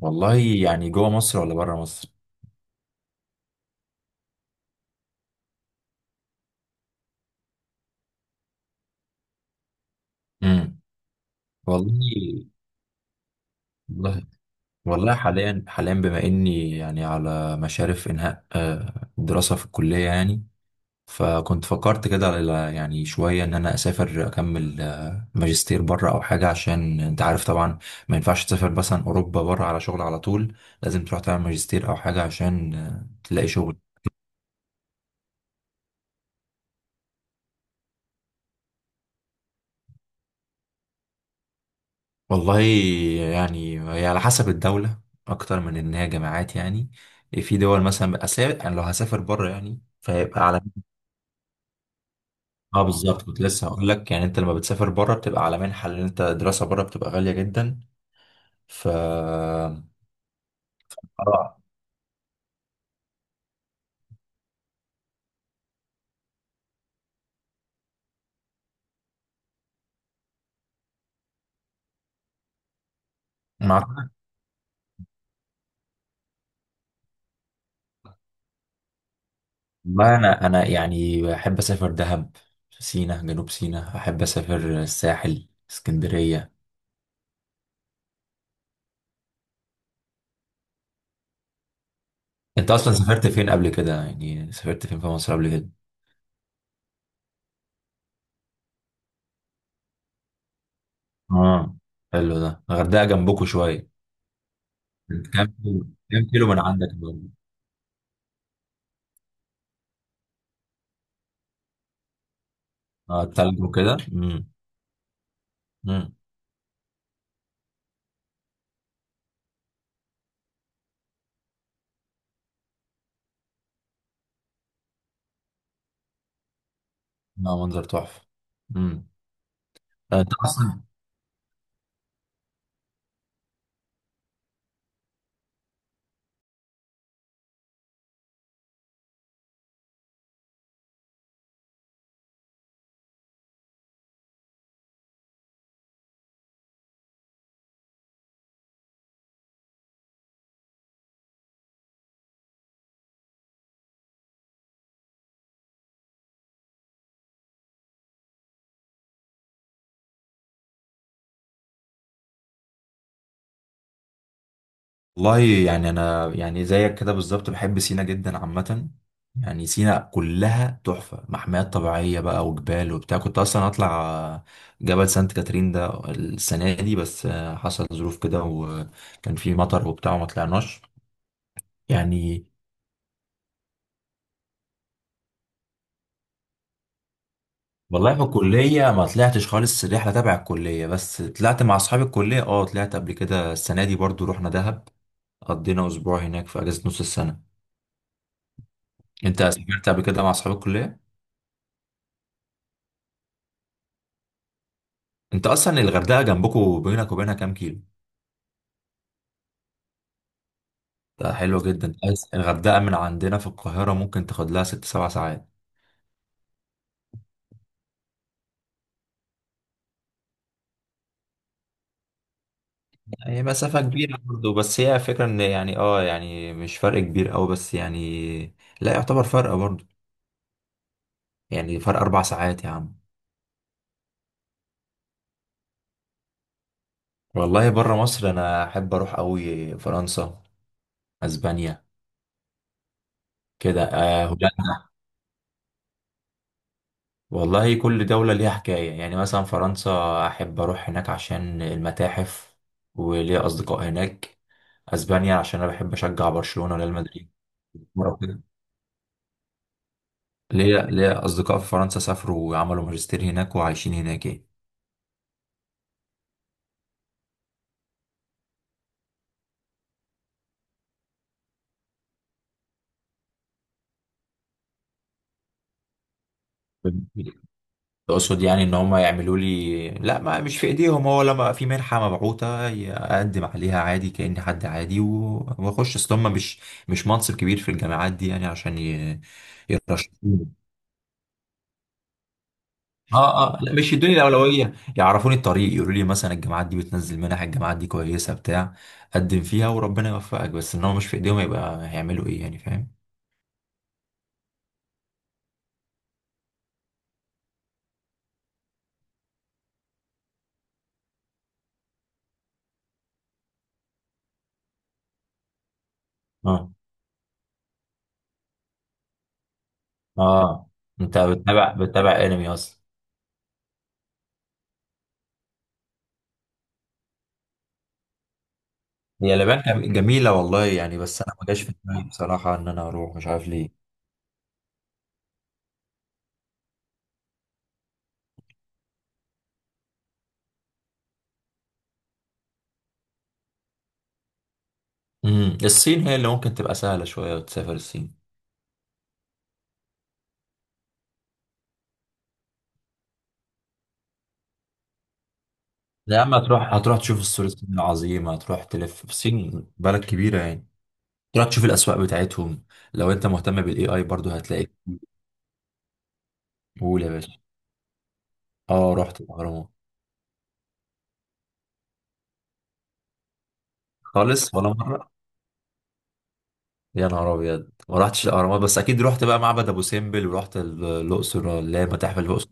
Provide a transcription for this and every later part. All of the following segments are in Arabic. يعني جوه مصر ولا بره مصر؟ امم والله والله والله، حاليا بما اني يعني على مشارف انهاء الدراسه في الكليه، يعني فكنت فكرت كده يعني شويه ان انا اسافر اكمل ماجستير بره او حاجه، عشان انت عارف طبعا ما ينفعش تسافر مثلا اوروبا بره على شغل على طول. لازم تروح تعمل ماجستير او حاجه عشان تلاقي شغل. والله يعني هي على حسب الدولة أكتر من إن هي جامعات يعني. في دول مثلا أسافر، يعني لو هسافر بره يعني فهيبقى على... اه بالظبط، كنت لسه هقول لك يعني أنت لما بتسافر بره بتبقى على منحة، لأن أنت الدراسة بره بتبقى غالية جدا. ف اه مع ما أنا يعني بحب أسافر دهب، سينا، جنوب سينا، أحب أسافر الساحل، اسكندرية. أنت أصلا سافرت فين قبل كده؟ يعني سافرت فين في مصر قبل كده؟ اه حلو، ده الغردقة جنبكوا شوية. كام كيلو من عندك بقى؟ التلج وكده. امم. امم. لا، منظر تحفة. امم. انت اصلا والله يعني انا يعني زيك كده بالظبط بحب سينا جدا عامة. يعني سينا كلها تحفة، محميات طبيعية بقى وجبال وبتاع، كنت اصلا هطلع جبل سانت كاترين ده السنة دي بس حصل ظروف كده، وكان في مطر وبتاع وما طلعناش. يعني والله في الكلية ما طلعتش خالص، الرحلة تبع الكلية بس، طلعت مع أصحاب الكلية. اه طلعت قبل كده، السنة دي برضو رحنا دهب، قضينا أسبوع هناك في أجازة نص السنة. أنت سافرت قبل كده مع أصحاب الكلية؟ أنت أصلا الغردقة جنبكوا، بينك وبينها كام كيلو؟ ده حلو جدا، بس الغردقة من عندنا في القاهرة ممكن تاخد لها 6 7 ساعات. هي مسافة كبيرة برضو، بس هي فكرة إن يعني مش فرق كبير أوي، بس يعني لا يعتبر فرق برضو. يعني فرق 4 ساعات يا عم. والله بره مصر انا احب اروح قوي فرنسا، اسبانيا، كده، هولندا. والله كل دولة ليها حكاية، يعني مثلا فرنسا احب اروح هناك عشان المتاحف وليا اصدقاء هناك. اسبانيا عشان انا بحب اشجع برشلونة وريال مدريد. مرة كده. ليا اصدقاء في فرنسا سافروا وعملوا ماجستير هناك وعايشين هناك. يعني تقصد يعني ان هم يعملوا لي؟ لا، ما مش في ايديهم، هو لما في منحة مبعوثة اقدم عليها عادي كأني حد عادي واخش. اصل هم مش منصب كبير في الجامعات دي يعني عشان يرشحوني. اه، اه، لا مش يدوني الاولوية، يعرفوني الطريق، يقولوا لي مثلا الجامعات دي بتنزل منح، الجامعات دي كويسة بتاع، قدم فيها وربنا يوفقك. بس ان هو مش في ايديهم، يبقى هيعملوا ايه يعني، فاهم؟ اه، اه، آه. انت بتتابع انمي اصلا؟ هي اليابان جميلة والله يعني، بس أنا ما جاش في دماغي بصراحة إن أنا أروح، مش عارف ليه. الصين هي اللي ممكن تبقى سهلة شوية، وتسافر الصين. يا عم هتروح تشوف السور الصيني العظيم، هتروح تلف في الصين بلد كبيرة يعني. تروح تشوف الأسواق بتاعتهم، لو أنت مهتم بالإي آي برضه هتلاقي. قول يا باشا. أه، رحت الأهرامات. خالص ولا مرة؟ يا نهار أبيض، ما رحتش الأهرامات؟ بس أكيد رحت بقى معبد أبو سمبل، ورحت الأقصر، اللي هي متاحف الأقصر.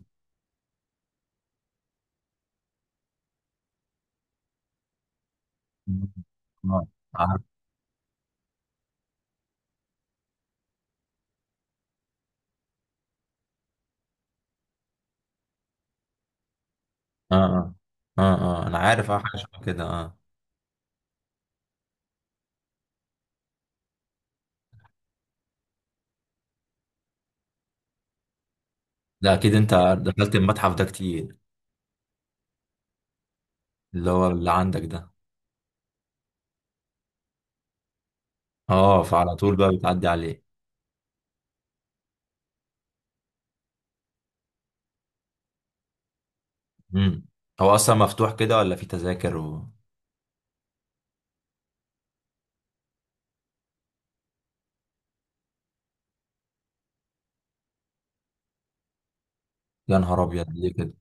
آه. اه، اه، اه، اه انا عارف، اه حاجه شبه كده، اه. ده اكيد انت دخلت المتحف ده كتير، اللي هو اللي عندك ده. اه، فعلى طول بقى بتعدي عليه. امم. هو اصلا مفتوح كده ولا في تذاكر و...؟ يا نهار ابيض، ليه كده؟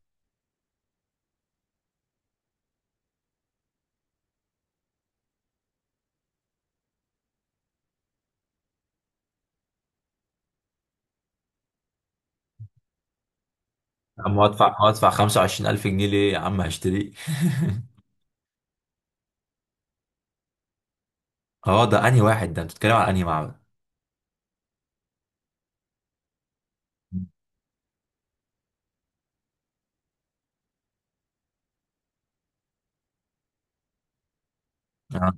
يا عم هدفع 25000 جنيه ليه يا عم، هشتريه؟ اه ده انهي واحد؟ ده انت بتتكلم على انهي معبد؟ اه،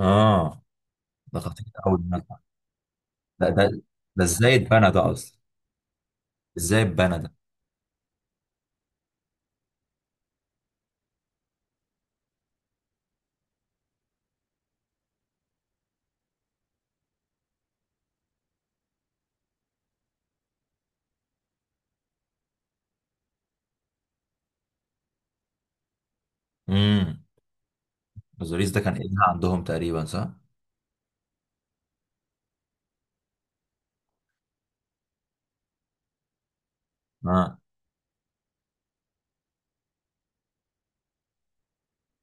اه. ده خطير قوي المتحف ده ده ده ازاي اتبنى ده اصلا؟ ازاي اتبنى ده؟ امم. بازاريس ده كان ابنها عندهم تقريبا، صح؟ اه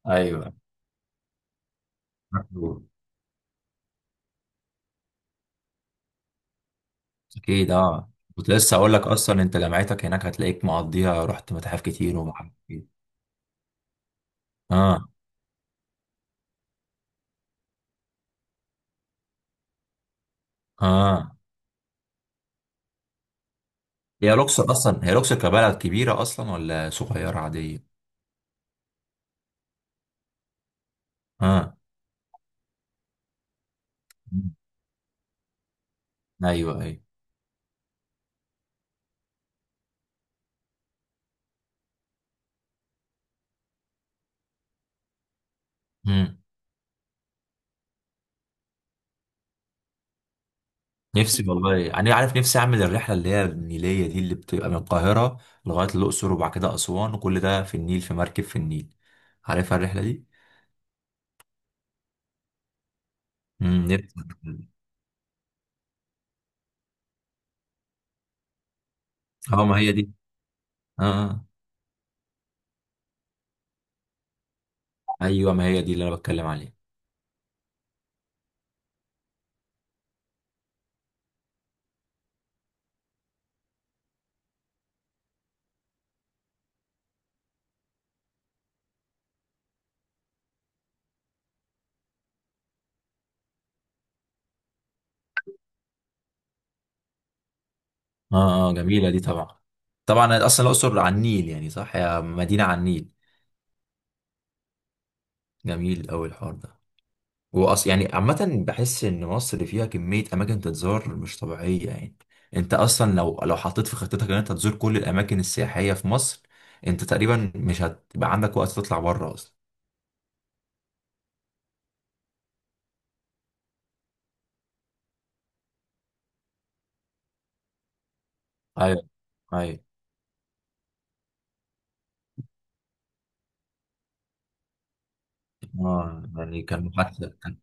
ايوه، مكتوب. اكيد، اه، كنت لسه اقول لك اصلا، انت جامعتك هناك هتلاقيك مقضيها، رحت متاحف كتير ومعارف كتير. اه، اه. هي لوكسور اصلا، هي لوكسور كبلد كبيره اصلا ولا صغيره عاديه؟ اه ايوه ايوه. مم. نفسي والله يعني، عارف، نفسي اعمل الرحله اللي هي النيليه دي، اللي بتبقى من القاهره لغايه الاقصر وبعد كده اسوان، وكل ده في النيل في مركب في النيل، عارفها الرحله دي؟ امم، نفسي. اه ما هي دي. اه، آه. ايوه ما هي دي اللي انا بتكلم عليها. اه، اه جميلة دي طبعا. طبعا اصلا الاقصر على النيل يعني، صح، هي مدينة على النيل. جميل قوي الحوار ده. واص يعني، عامة بحس ان مصر فيها كمية اماكن تتزار مش طبيعية يعني، انت اصلا لو حطيت في خطتك ان انت تزور كل الاماكن السياحية في مصر، انت تقريبا مش هتبقى عندك وقت تطلع بره اصلا. ايوه، ايوه. اه يعني كان محادثة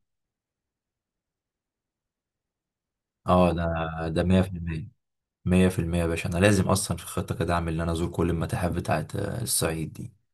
اه ده 100% 100%، يا باشا انا لازم اصلا في الخطة كده اعمل ان انا ازور كل المتاحف بتاعت الصعيد دي.